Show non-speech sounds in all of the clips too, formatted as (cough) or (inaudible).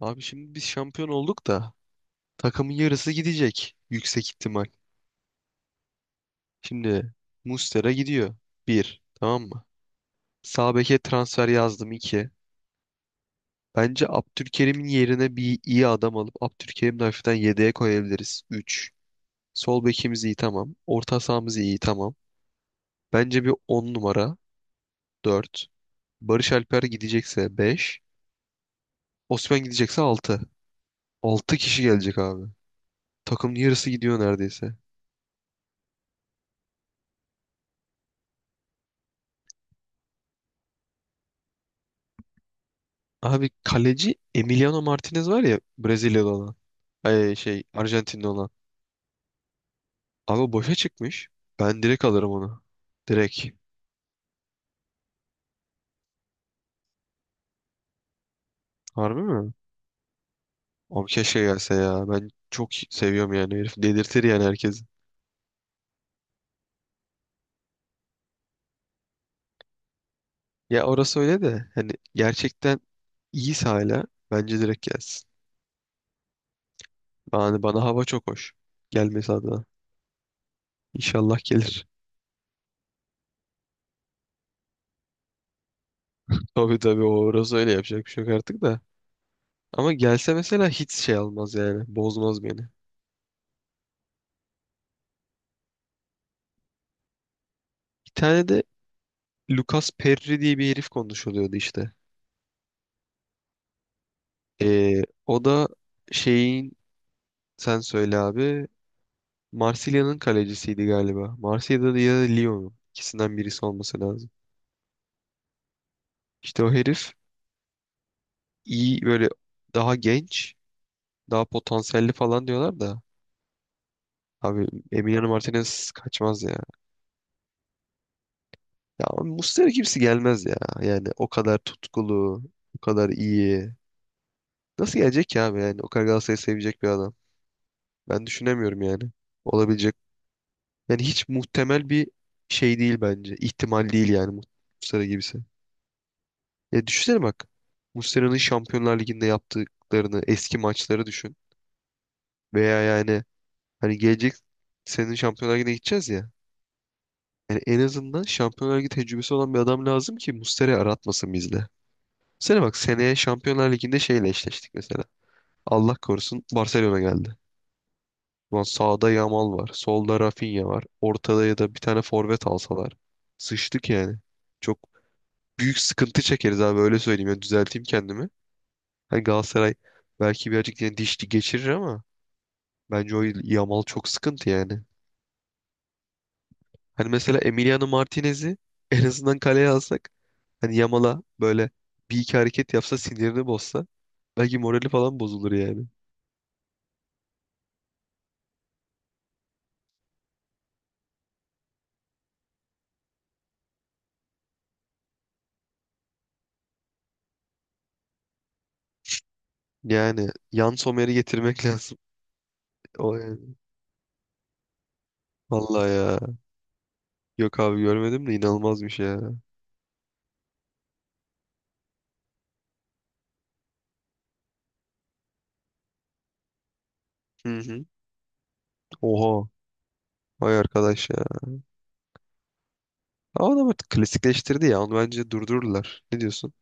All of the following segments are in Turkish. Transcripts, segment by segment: Abi, şimdi biz şampiyon olduk da takımın yarısı gidecek yüksek ihtimal. Şimdi Muslera gidiyor. Bir. Tamam mı? Sağ beke transfer yazdım. İki. Bence Abdülkerim'in yerine bir iyi adam alıp Abdülkerim'i de hafiften yedeğe koyabiliriz. Üç. Sol bekimiz iyi, tamam. Orta sahamız iyi, tamam. Bence bir 10 numara. Dört. Barış Alper gidecekse, 5. Osman gidecekse, 6. 6 kişi gelecek abi. Takımın yarısı gidiyor neredeyse. Abi, kaleci Emiliano Martinez var ya, Brezilyalı olan. Ay, Arjantinli olan. Abi, o boşa çıkmış. Ben direkt alırım onu. Direkt. Harbi mi? Abi, keşke gelse ya. Ben çok seviyorum yani herif. Delirtir yani herkesi. Ya orası öyle de hani gerçekten iyiyse hala bence direkt gelsin. Yani bana hava çok hoş. Gelmesi adına. İnşallah gelir. (laughs) Tabii tabii, o orası öyle, yapacak bir şey yok artık da. Ama gelse mesela hiç şey almaz yani. Bozmaz beni. Bir tane de Lucas Perri diye bir herif konuşuluyordu işte. O da şeyin, sen söyle abi, Marsilya'nın kalecisiydi galiba. Marsilya'da da ya da Lyon'un, ikisinden birisi olması lazım. İşte o herif iyi böyle, daha genç, daha potansiyelli falan diyorlar da abi, Emiliano Martinez kaçmaz ya. Ya Muslera kimse gelmez ya. Yani o kadar tutkulu, o kadar iyi. Nasıl gelecek ki abi, yani o kadar Galatasaray'ı sevecek bir adam. Ben düşünemiyorum yani. Olabilecek, yani hiç muhtemel bir şey değil bence. İhtimal değil yani, Muslera gibisi. Ya düşünsene bak. Muslera'nın Şampiyonlar Ligi'nde yaptıklarını, eski maçları düşün. Veya yani hani gelecek, senin Şampiyonlar Ligi'ne gideceğiz ya. Yani en azından Şampiyonlar Ligi tecrübesi olan bir adam lazım ki Muslera'yı aratmasın bizde. Sene bak, seneye Şampiyonlar Ligi'nde şeyle eşleştik mesela. Allah korusun, Barcelona geldi. Ulan sağda Yamal var, solda Rafinha var. Ortada ya da bir tane forvet alsalar. Sıçtık yani. Çok büyük sıkıntı çekeriz abi, öyle söyleyeyim. Yani düzelteyim kendimi. Hani Galatasaray belki birazcık yani diş geçirir ama bence o Yamal çok sıkıntı yani. Hani mesela Emiliano Martinez'i (laughs) en azından kaleye alsak, hani Yamal'a böyle bir iki hareket yapsa, sinirini bozsa, belki morali falan bozulur yani. Yani Yan Sommer'i getirmek (laughs) lazım. O yani. Vallahi ya. Yok abi, görmedim de inanılmazmış ya. Hı hı. Oha. Vay arkadaş ya. Ama adam artık klasikleştirdi ya. Onu bence durdururlar. Ne diyorsun?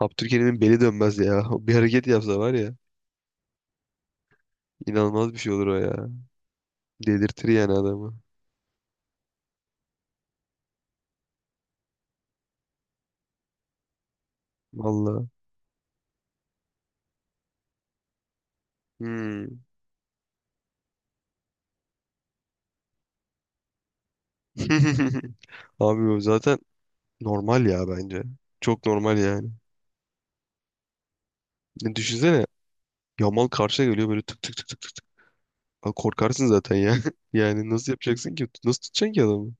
Abdülkerim'in beli dönmez ya. (laughs) O bir hareket yapsa var ya. İnanılmaz bir şey olur o ya. Delirtir yani adamı. Vallahi. Hmm. (laughs) Abi, o zaten normal ya bence. Çok normal yani. Ne düşünsene. Yamal karşına geliyor böyle, tık tık tık tık tık. Abi, korkarsın zaten ya. (laughs) Yani nasıl yapacaksın ki? Nasıl tutacaksın ki adamı?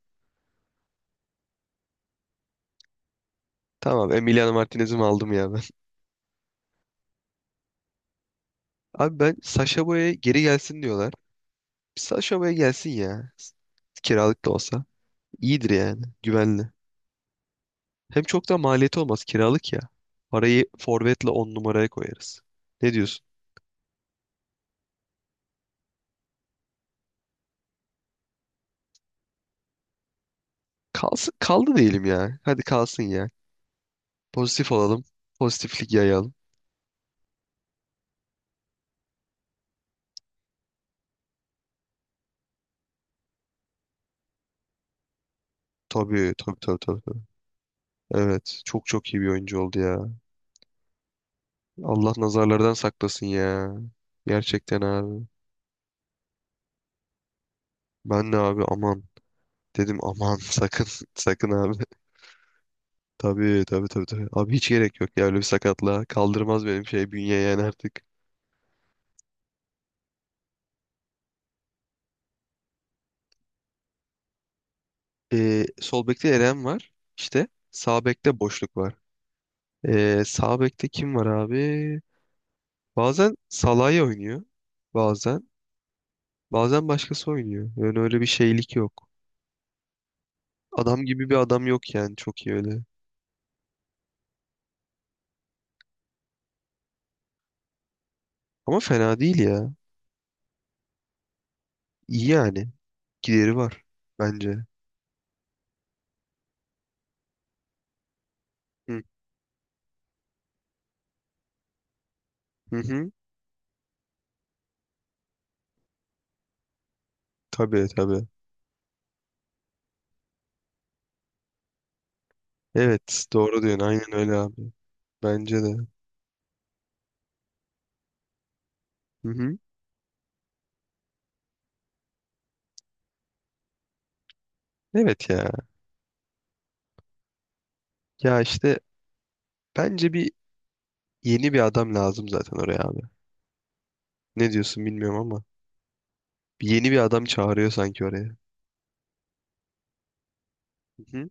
Tamam, Emiliano Martinez'i mi aldım ya ben. (laughs) Abi, ben Sacha Boey'e geri gelsin diyorlar. Sacha Boey gelsin ya. Kiralık da olsa. İyidir yani. Güvenli. Hem çok da maliyeti olmaz kiralık ya. Parayı forvetle 10 numaraya koyarız. Ne diyorsun? Kalsın, kaldı diyelim ya. Hadi kalsın ya. Pozitif olalım. Pozitiflik yayalım. Tabii tabii tabii tabii. Tabii. Evet, çok çok iyi bir oyuncu oldu ya. Allah nazarlardan saklasın ya. Gerçekten abi. Ben de abi, aman. Dedim aman, (laughs) sakın, sakın abi. Tabii tabii tabii tabii. Abi, hiç gerek yok ya öyle bir sakatlığa. Kaldırmaz benim şey bünye yani artık. Sol bekte Eren var. İşte sağ bekte boşluk var. Sağ bekte kim var abi? Bazen Salah'ı oynuyor. Bazen. Bazen başkası oynuyor. Yani öyle bir şeylik yok. Adam gibi bir adam yok yani, çok iyi öyle. Ama fena değil ya. İyi yani. Gideri var bence. Hı hı. Hı. Tabii tabii. Evet doğru diyorsun, aynen öyle abi. Bence de. Hı hı. Evet ya. Ya işte bence bir yeni bir adam lazım zaten oraya abi. Ne diyorsun bilmiyorum ama. Bir yeni bir adam çağırıyor sanki oraya. Hı hı.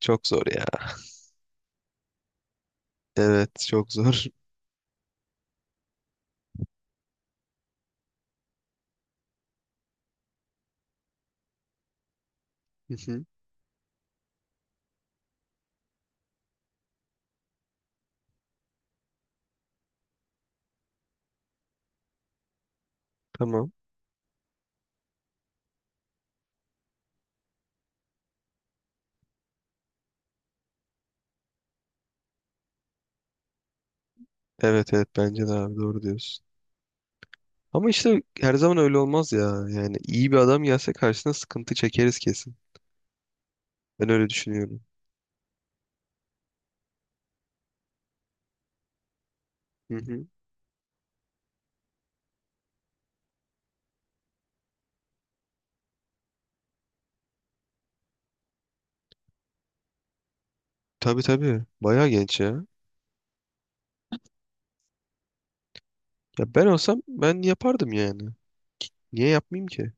Çok zor ya. Evet, çok zor. (laughs) Hı hı. Tamam. Evet evet, bence de abi, doğru diyorsun. Ama işte her zaman öyle olmaz ya. Yani iyi bir adam gelse karşısına sıkıntı çekeriz kesin. Ben öyle düşünüyorum. Hı hı. Tabii tabii. Bayağı genç ya. Ya ben olsam ben yapardım yani. Niye yapmayayım ki?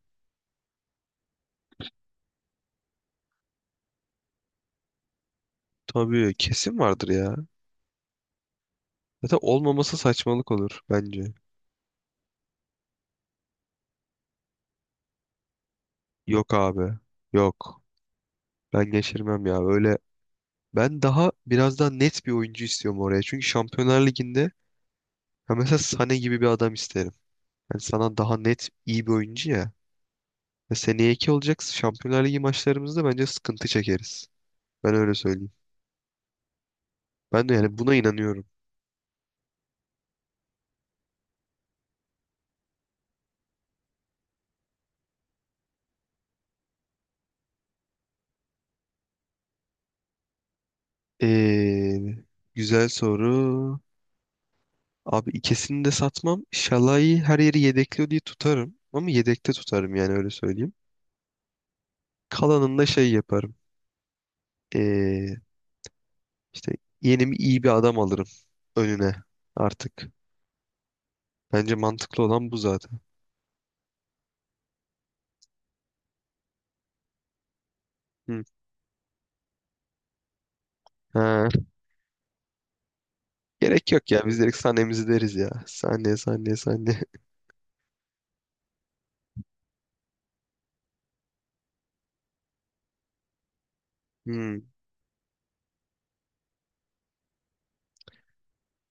Tabii kesin vardır ya. Zaten olmaması saçmalık olur bence. Yok abi. Yok. Ben geçirmem ya. Öyle, ben daha biraz daha net bir oyuncu istiyorum oraya. Çünkü Şampiyonlar Ligi'nde, ya mesela Sané gibi bir adam isterim. Yani sana daha net iyi bir oyuncu ya. Ya seneye iki olacak Şampiyonlar Ligi maçlarımızda bence sıkıntı çekeriz. Ben öyle söyleyeyim. Ben de yani buna inanıyorum. Ee, Güzel soru. Abi, ikisini de satmam. Şalay'ı her yeri yedekliyor diye tutarım. Ama yedekte tutarım yani, öyle söyleyeyim. Kalanını da şey yaparım. Ee, işte yeni bir iyi bir adam alırım önüne artık. Bence mantıklı olan bu zaten. Hı. Ha. Gerek yok ya. Biz direkt sahnemizi deriz ya. Sahne sahne sahne. Hmm.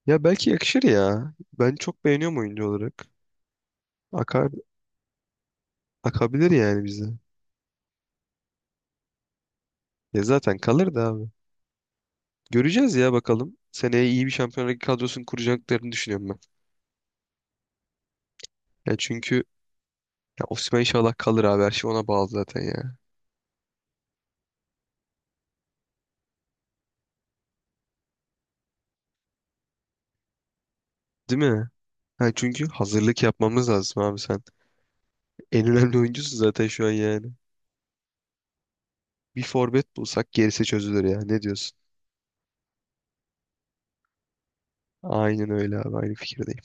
Ya belki yakışır ya. Ben çok beğeniyorum oyuncu olarak. Akar, akabilir yani bize. Ya zaten kalır da abi. Göreceğiz ya bakalım. Seneye iyi bir Şampiyonlar Ligi kadrosunu kuracaklarını düşünüyorum ben. Ya çünkü, ya Osimhen inşallah kalır abi. Her şey ona bağlı zaten ya. Değil mi? Ha, çünkü hazırlık yapmamız lazım abi sen. En önemli oyuncusun zaten şu an yani. Bir forvet bulsak gerisi çözülür ya. Ne diyorsun? Aynen öyle abi. Aynı fikirdeyim.